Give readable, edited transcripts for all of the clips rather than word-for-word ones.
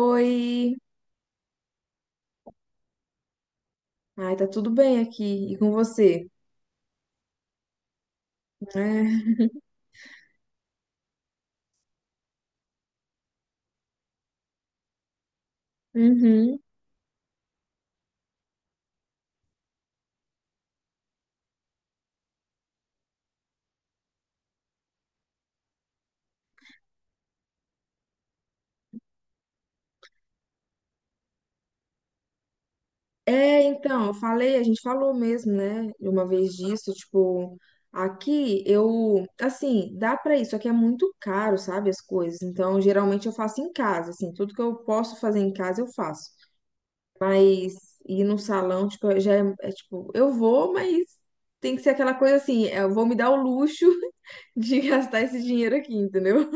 Oi! Ai, tá tudo bem aqui. E com você? É. Uhum. É, então, eu falei, a gente falou mesmo, né? Uma vez disso, tipo, aqui eu, assim, dá pra isso, aqui é muito caro, sabe, as coisas. Então, geralmente eu faço em casa, assim, tudo que eu posso fazer em casa eu faço. Mas ir no salão, tipo, já é, é, tipo, eu vou, mas tem que ser aquela coisa assim, eu vou me dar o luxo de gastar esse dinheiro aqui, entendeu?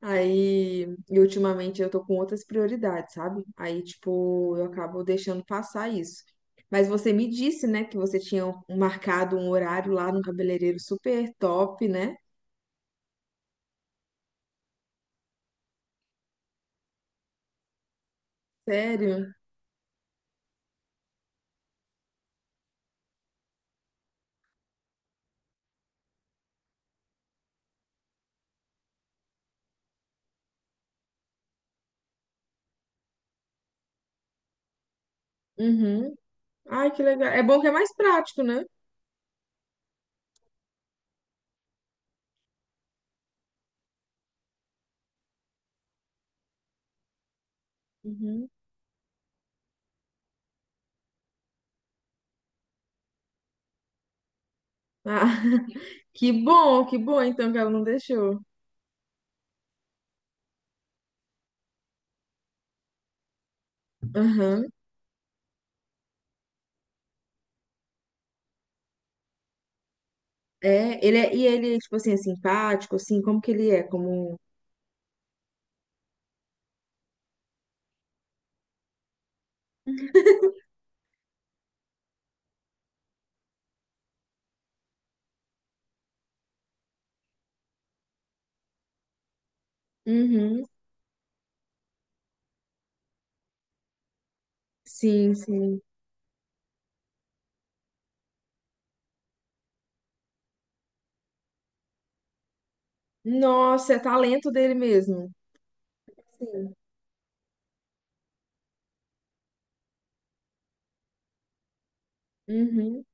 Aí, e ultimamente eu tô com outras prioridades, sabe? Aí, tipo, eu acabo deixando passar isso. Mas você me disse, né, que você tinha marcado um horário lá no cabeleireiro super top, né? Sério? Uhum. Ai, que legal. É bom que é mais prático, né? Uhum. Ah, que bom então que ela não deixou. Aham. É, ele é, e ele, tipo assim, é simpático, assim, como que ele é? Como. Uhum. Sim, sim. Nossa, é talento dele mesmo. Sim. Uhum.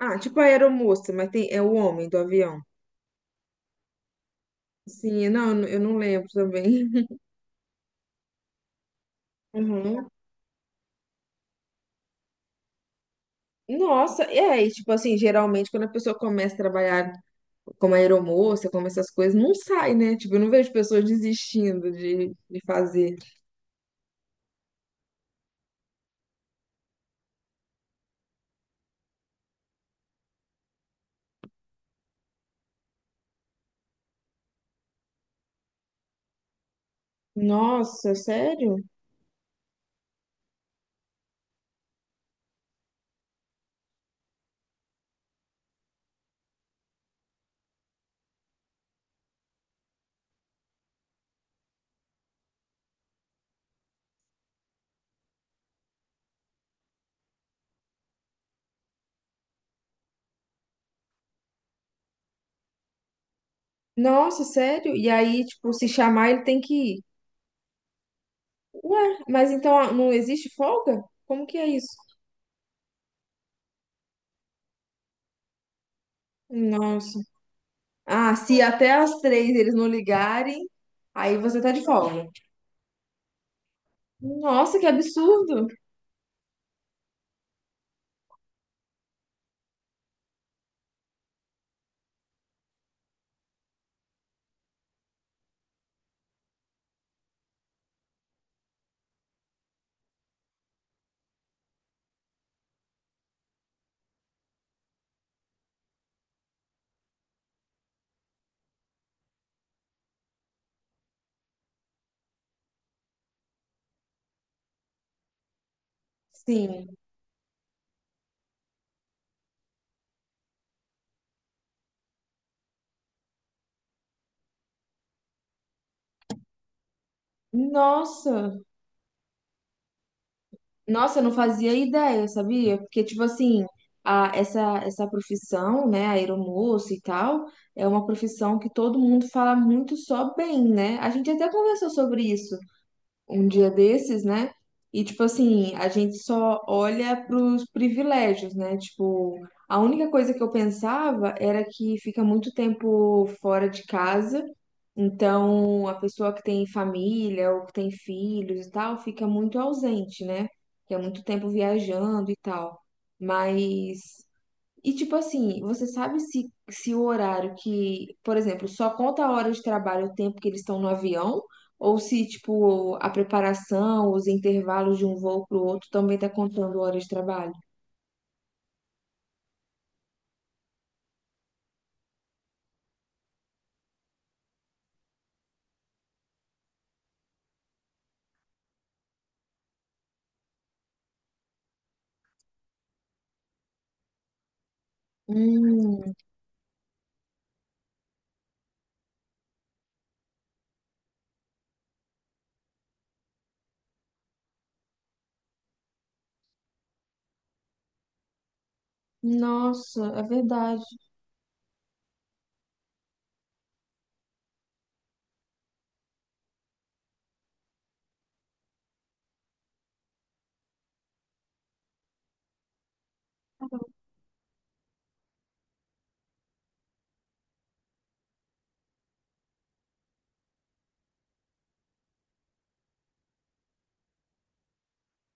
Ah, tipo a aeromoça, mas tem, é o homem do avião. Sim, não, eu não lembro também. Uhum. Nossa, é, e tipo assim, geralmente quando a pessoa começa a trabalhar como aeromoça, como essas coisas, não sai, né? Tipo, eu não vejo pessoas desistindo de fazer. Nossa, sério? Nossa, sério? E aí, tipo, se chamar, ele tem que ir. Ué, mas então ah, não existe folga? Como que é isso? Nossa. Ah, se até às 3 eles não ligarem, aí você tá de folga. Nossa, que absurdo! Sim. Nossa, nossa, eu não fazia ideia, sabia? Porque, tipo assim, a, essa profissão, né, aeromoça e tal, é uma profissão que todo mundo fala muito só bem, né? A gente até conversou sobre isso, um dia desses, né? E, tipo assim, a gente só olha pros privilégios, né? Tipo, a única coisa que eu pensava era que fica muito tempo fora de casa, então a pessoa que tem família ou que tem filhos e tal fica muito ausente, né? Que é muito tempo viajando e tal. Mas e tipo assim, você sabe se, se o horário que, por exemplo, só conta a hora de trabalho o tempo que eles estão no avião, ou se tipo a preparação, os intervalos de um voo para o outro também tá contando hora de trabalho? Hum, nossa, é verdade.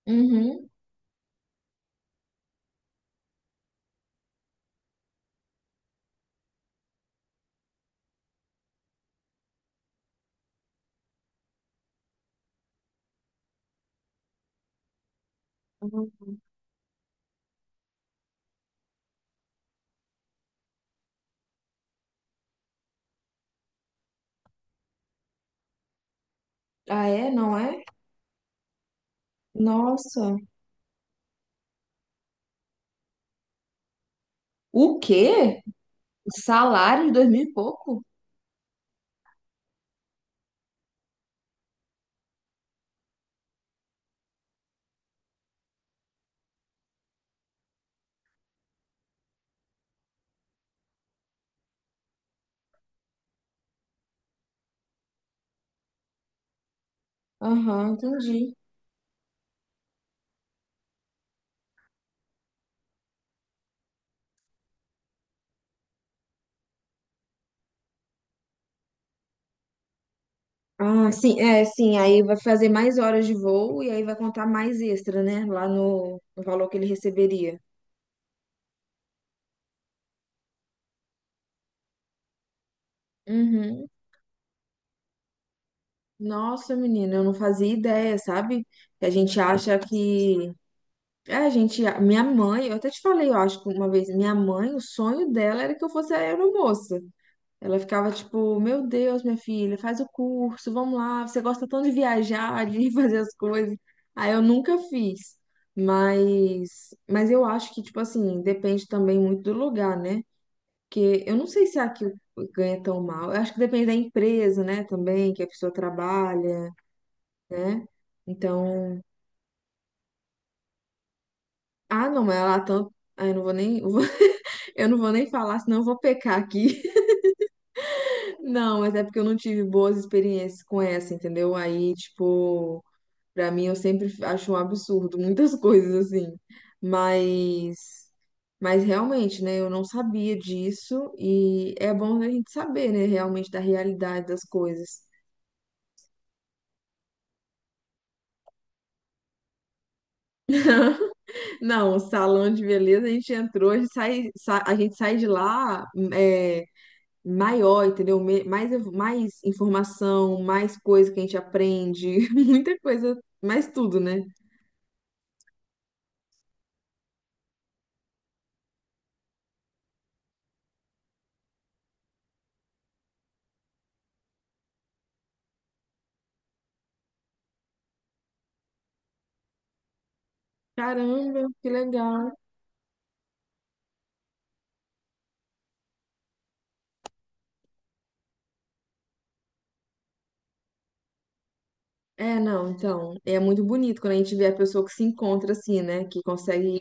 Uhum. Ah, é? Não é? Nossa. O quê? Salário de dois mil e pouco? Aham, entendi. Ah, sim, é, sim, aí vai fazer mais horas de voo e aí vai contar mais extra, né? Lá no valor que ele receberia. Uhum. Nossa, menina, eu não fazia ideia, sabe? Que a gente acha que. É, a gente. Minha mãe, eu até te falei, eu acho que uma vez, minha mãe, o sonho dela era que eu fosse aeromoça. Ela ficava tipo, meu Deus, minha filha, faz o curso, vamos lá, você gosta tanto de viajar, de fazer as coisas. Aí eu nunca fiz. Mas eu acho que, tipo assim, depende também muito do lugar, né? Porque eu não sei se aqui ganha tão mal. Eu acho que depende da empresa, né, também, que a pessoa trabalha, né? Então, ah, não, mas ela tanto. Ah, eu não vou nem, eu não vou nem falar, senão eu vou pecar aqui. Não, mas é porque eu não tive boas experiências com essa, entendeu? Aí, tipo. Pra mim, eu sempre acho um absurdo muitas coisas assim. Mas, mas realmente, né? Eu não sabia disso e é bom a gente saber, né? Realmente da realidade das coisas. Não, o salão de beleza, a gente entrou, a gente sai, a gente sai de lá é, maior, entendeu? Mais, mais informação, mais coisa que a gente aprende, muita coisa, mais tudo, né? Caramba, que legal. É, não, então, é muito bonito quando a gente vê a pessoa que se encontra assim, né? Que consegue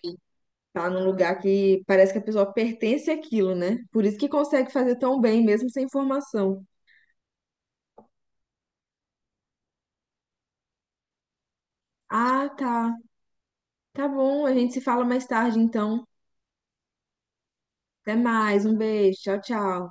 estar num lugar que parece que a pessoa pertence àquilo, né? Por isso que consegue fazer tão bem, mesmo sem formação. Ah, tá. Tá bom, a gente se fala mais tarde, então. Até mais, um beijo, tchau, tchau.